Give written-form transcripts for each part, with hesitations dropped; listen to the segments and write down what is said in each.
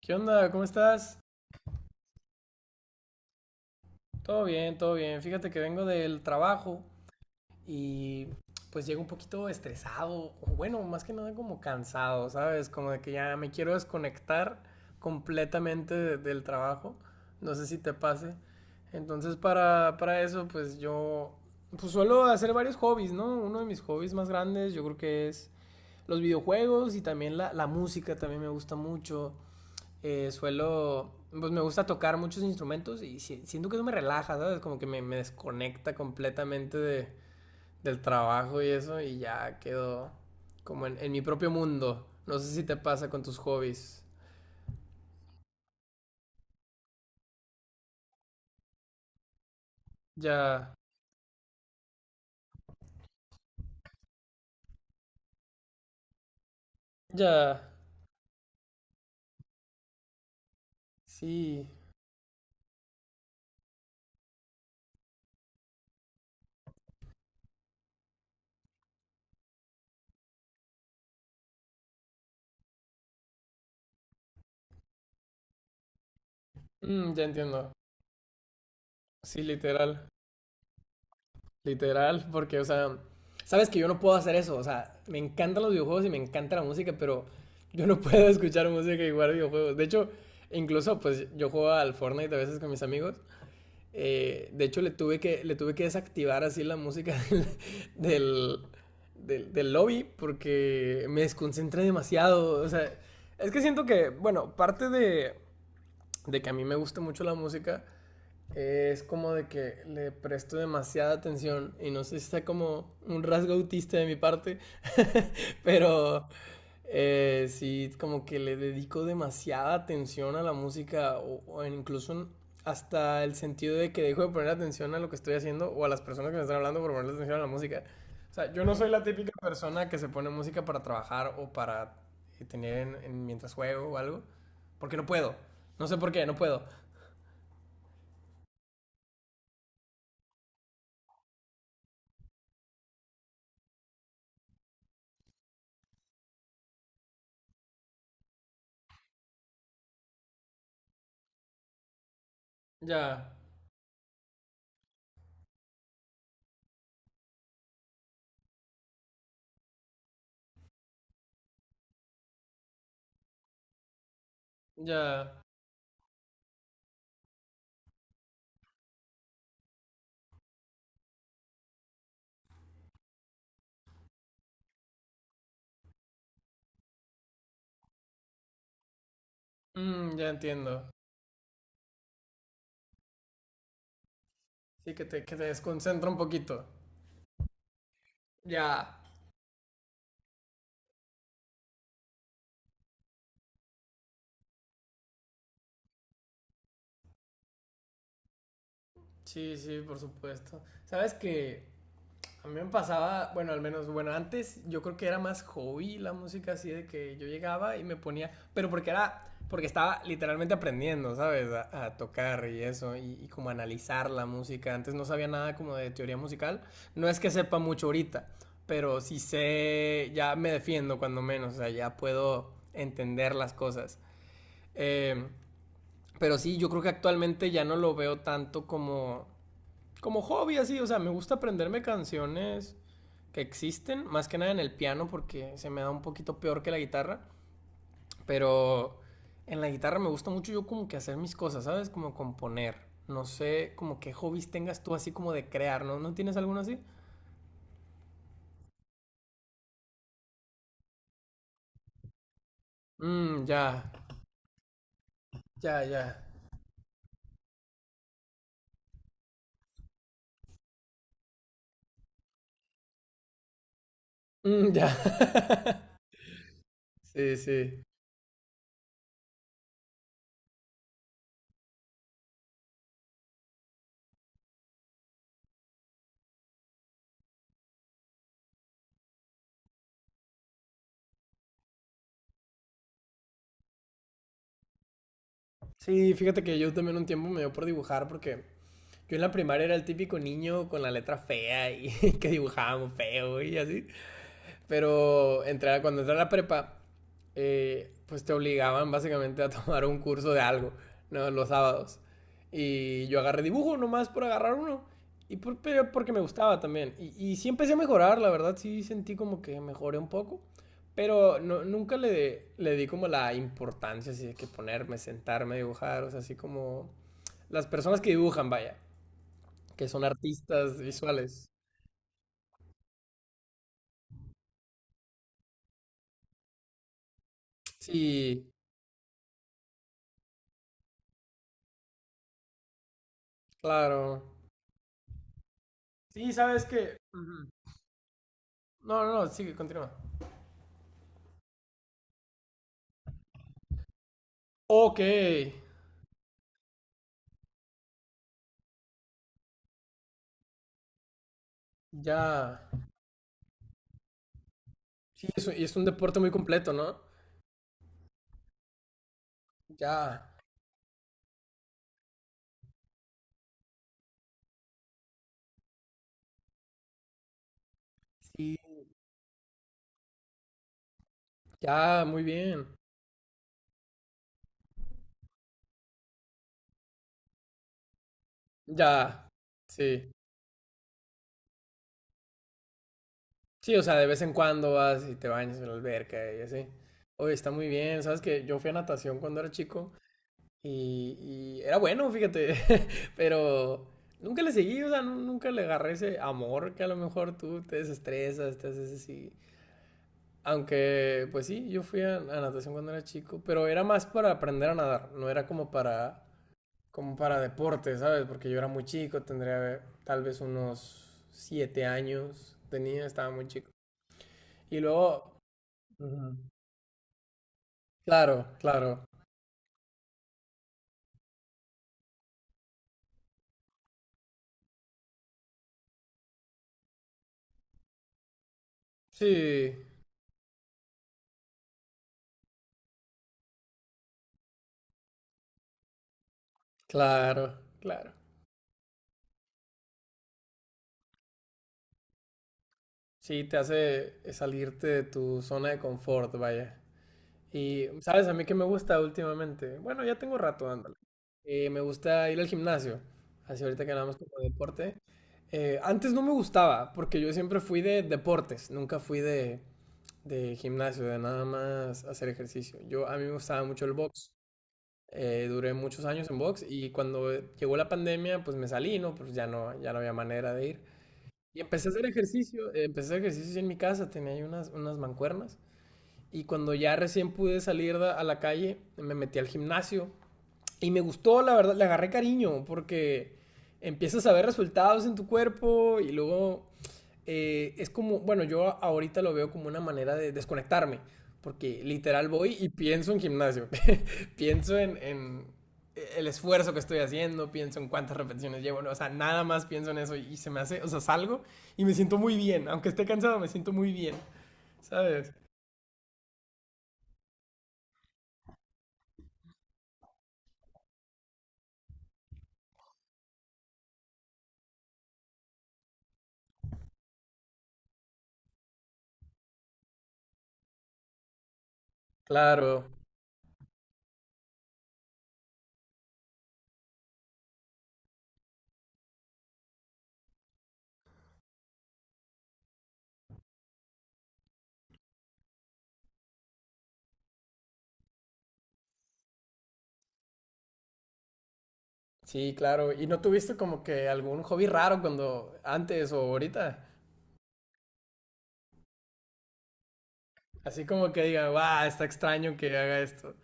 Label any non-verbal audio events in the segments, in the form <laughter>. ¿Qué onda? ¿Cómo estás? Todo bien, todo bien. Fíjate que vengo del trabajo y pues llego un poquito estresado, o bueno, más que nada como cansado, ¿sabes? Como de que ya me quiero desconectar completamente del trabajo. No sé si te pase. Entonces para eso pues yo pues suelo hacer varios hobbies, ¿no? Uno de mis hobbies más grandes yo creo que es los videojuegos y también la música también me gusta mucho. Suelo, pues me gusta tocar muchos instrumentos y siento que eso me relaja, ¿sabes? Como que me desconecta completamente del trabajo y eso y ya quedo como en mi propio mundo. No sé si te pasa con tus hobbies. Ya, ya, sí. Mm, ya entiendo. Sí, literal. Literal, porque, o sea, sabes que yo no puedo hacer eso, o sea, me encantan los videojuegos y me encanta la música, pero yo no puedo <laughs> escuchar música y jugar videojuegos. De hecho, incluso, pues, yo juego al Fortnite a veces con mis amigos. De hecho, le tuve que desactivar así la música <laughs> del, del, del lobby porque me desconcentra demasiado. O sea, es que siento que, bueno, parte de que a mí me gusta mucho la música es como de que le presto demasiada atención y no sé si sea como un rasgo autista de mi parte, <laughs> pero sí como que le dedico demasiada atención a la música o incluso hasta el sentido de que dejo de poner atención a lo que estoy haciendo o a las personas que me están hablando por ponerle atención a la música. O sea, yo no soy la típica persona que se pone música para trabajar o para tener mientras juego o algo, porque no puedo. No sé por qué, no puedo. Ya. Ya. Mm, ya entiendo. Sí, que te desconcentra un poquito. Ya. Sí, sí, por supuesto. Sabes que a mí me pasaba, bueno, al menos, bueno, antes yo creo que era más hobby la música, así de que yo llegaba y me ponía, pero porque era, porque estaba literalmente aprendiendo, ¿sabes? A tocar y eso, y como analizar la música. Antes no sabía nada como de teoría musical. No es que sepa mucho ahorita, pero sí sé, ya me defiendo cuando menos, o sea, ya puedo entender las cosas. Eh, pero sí, yo creo que actualmente ya no lo veo tanto como, como hobby, así. O sea, me gusta aprenderme canciones que existen, más que nada en el piano, porque se me da un poquito peor que la guitarra. Pero en la guitarra me gusta mucho yo como que hacer mis cosas, ¿sabes? Como componer. No sé, como qué hobbies tengas tú así como de crear, ¿no? ¿No tienes alguno así? Mmm, ya, ya, ya. Mm, ya. <laughs> Sí, sí. Sí, fíjate que yo también un tiempo me dio por dibujar porque yo en la primaria era el típico niño con la letra fea y <laughs> que dibujábamos feo y así. Pero entré cuando entré a la prepa, pues te obligaban básicamente a <laughs> tomar un curso de algo, ¿no? Los sábados. Y yo agarré dibujo nomás por agarrar uno. Y por, pero porque me gustaba también. Y sí empecé a mejorar, la verdad, sí sentí como que mejoré un poco. Pero nunca le di como la importancia así de que ponerme, sentarme, dibujar, o sea, así como las personas que dibujan, vaya que son artistas visuales. Sí, claro. Sí, sabes que. Ujú. No, no, no, sigue, continúa. Ok, ya. Sí, y es un deporte muy completo, ¿no? Ya. Sí. Ya, muy bien. Ya. Sí. Sí, o sea, de vez en cuando vas y te bañas en la alberca y así. Oye, está muy bien. Sabes que yo fui a natación cuando era chico. Y, y era bueno, fíjate, <laughs> pero nunca le seguí, o sea, nunca le agarré ese amor que a lo mejor tú te desestresas, te haces así. Aunque, pues sí, yo fui a natación cuando era chico, pero era más para aprender a nadar, no era como para, como para deporte, ¿sabes? Porque yo era muy chico, tendría tal vez unos 7 años, tenía, estaba muy chico. Y luego, ujú, claro, claro, sí, claro, claro. Sí, te hace salirte de tu zona de confort, vaya. Y, ¿sabes? A mí que me gusta últimamente. Bueno, ya tengo rato dándole. Me gusta ir al gimnasio, así ahorita que hablamos como de deporte. Antes no me gustaba, porque yo siempre fui de deportes, nunca fui de gimnasio, de nada más hacer ejercicio. Yo, a mí me gustaba mucho el box. Duré muchos años en box y cuando llegó la pandemia, pues me salí, ¿no? Pues ya no, ya no había manera de ir. Y empecé a hacer ejercicio, empecé a hacer ejercicio en mi casa, tenía ahí unas, unas mancuernas. Y cuando ya recién pude salir a la calle, me metí al gimnasio. Y me gustó, la verdad, le agarré cariño, porque empiezas a ver resultados en tu cuerpo y luego es como, bueno, yo ahorita lo veo como una manera de desconectarme, porque literal voy y pienso en gimnasio, <laughs> pienso en el esfuerzo que estoy haciendo, pienso en cuántas repeticiones llevo, no, o sea, nada más pienso en eso y se me hace, o sea, salgo y me siento muy bien, aunque esté cansado, me siento muy bien, ¿sabes? Claro, sí, claro. ¿Y no tuviste como que algún hobby raro cuando antes o ahorita? Así como que diga, va, está extraño que haga esto.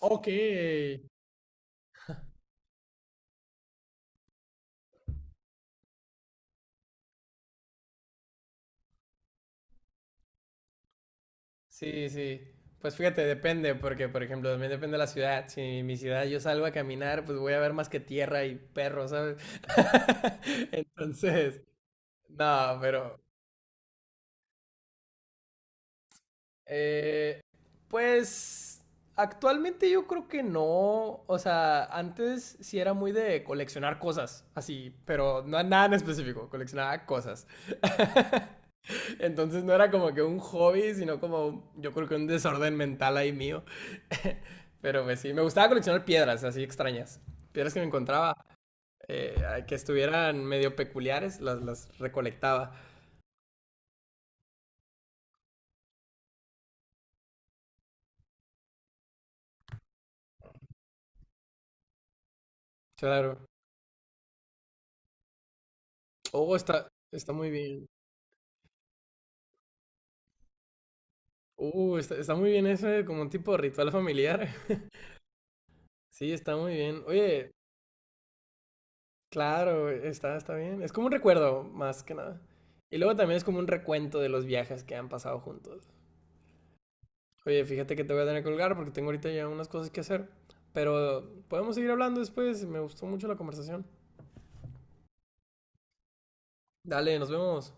Ok. Sí, sí. Pues fíjate, depende, porque por ejemplo, también depende de la ciudad. Si en mi ciudad yo salgo a caminar, pues voy a ver más que tierra y perros, ¿sabes? <laughs> Entonces, no, pero eh, pues actualmente yo creo que no. O sea, antes sí era muy de coleccionar cosas, así, pero no nada en específico, coleccionaba cosas. <laughs> Entonces no era como que un hobby, sino como yo creo que un desorden mental ahí mío. <laughs> Pero pues sí, me gustaba coleccionar piedras así extrañas. Piedras que me encontraba, eh, que estuvieran medio peculiares, las recolectaba. Claro. Oh, está, está muy bien. Está, está muy bien eso, como un tipo de ritual familiar. <laughs> Sí, está muy bien. Oye, claro, está, está bien. Es como un recuerdo, más que nada. Y luego también es como un recuento de los viajes que han pasado juntos. Oye, fíjate que te voy a tener que colgar porque tengo ahorita ya unas cosas que hacer. Pero podemos seguir hablando después. Me gustó mucho la conversación. Dale, nos vemos.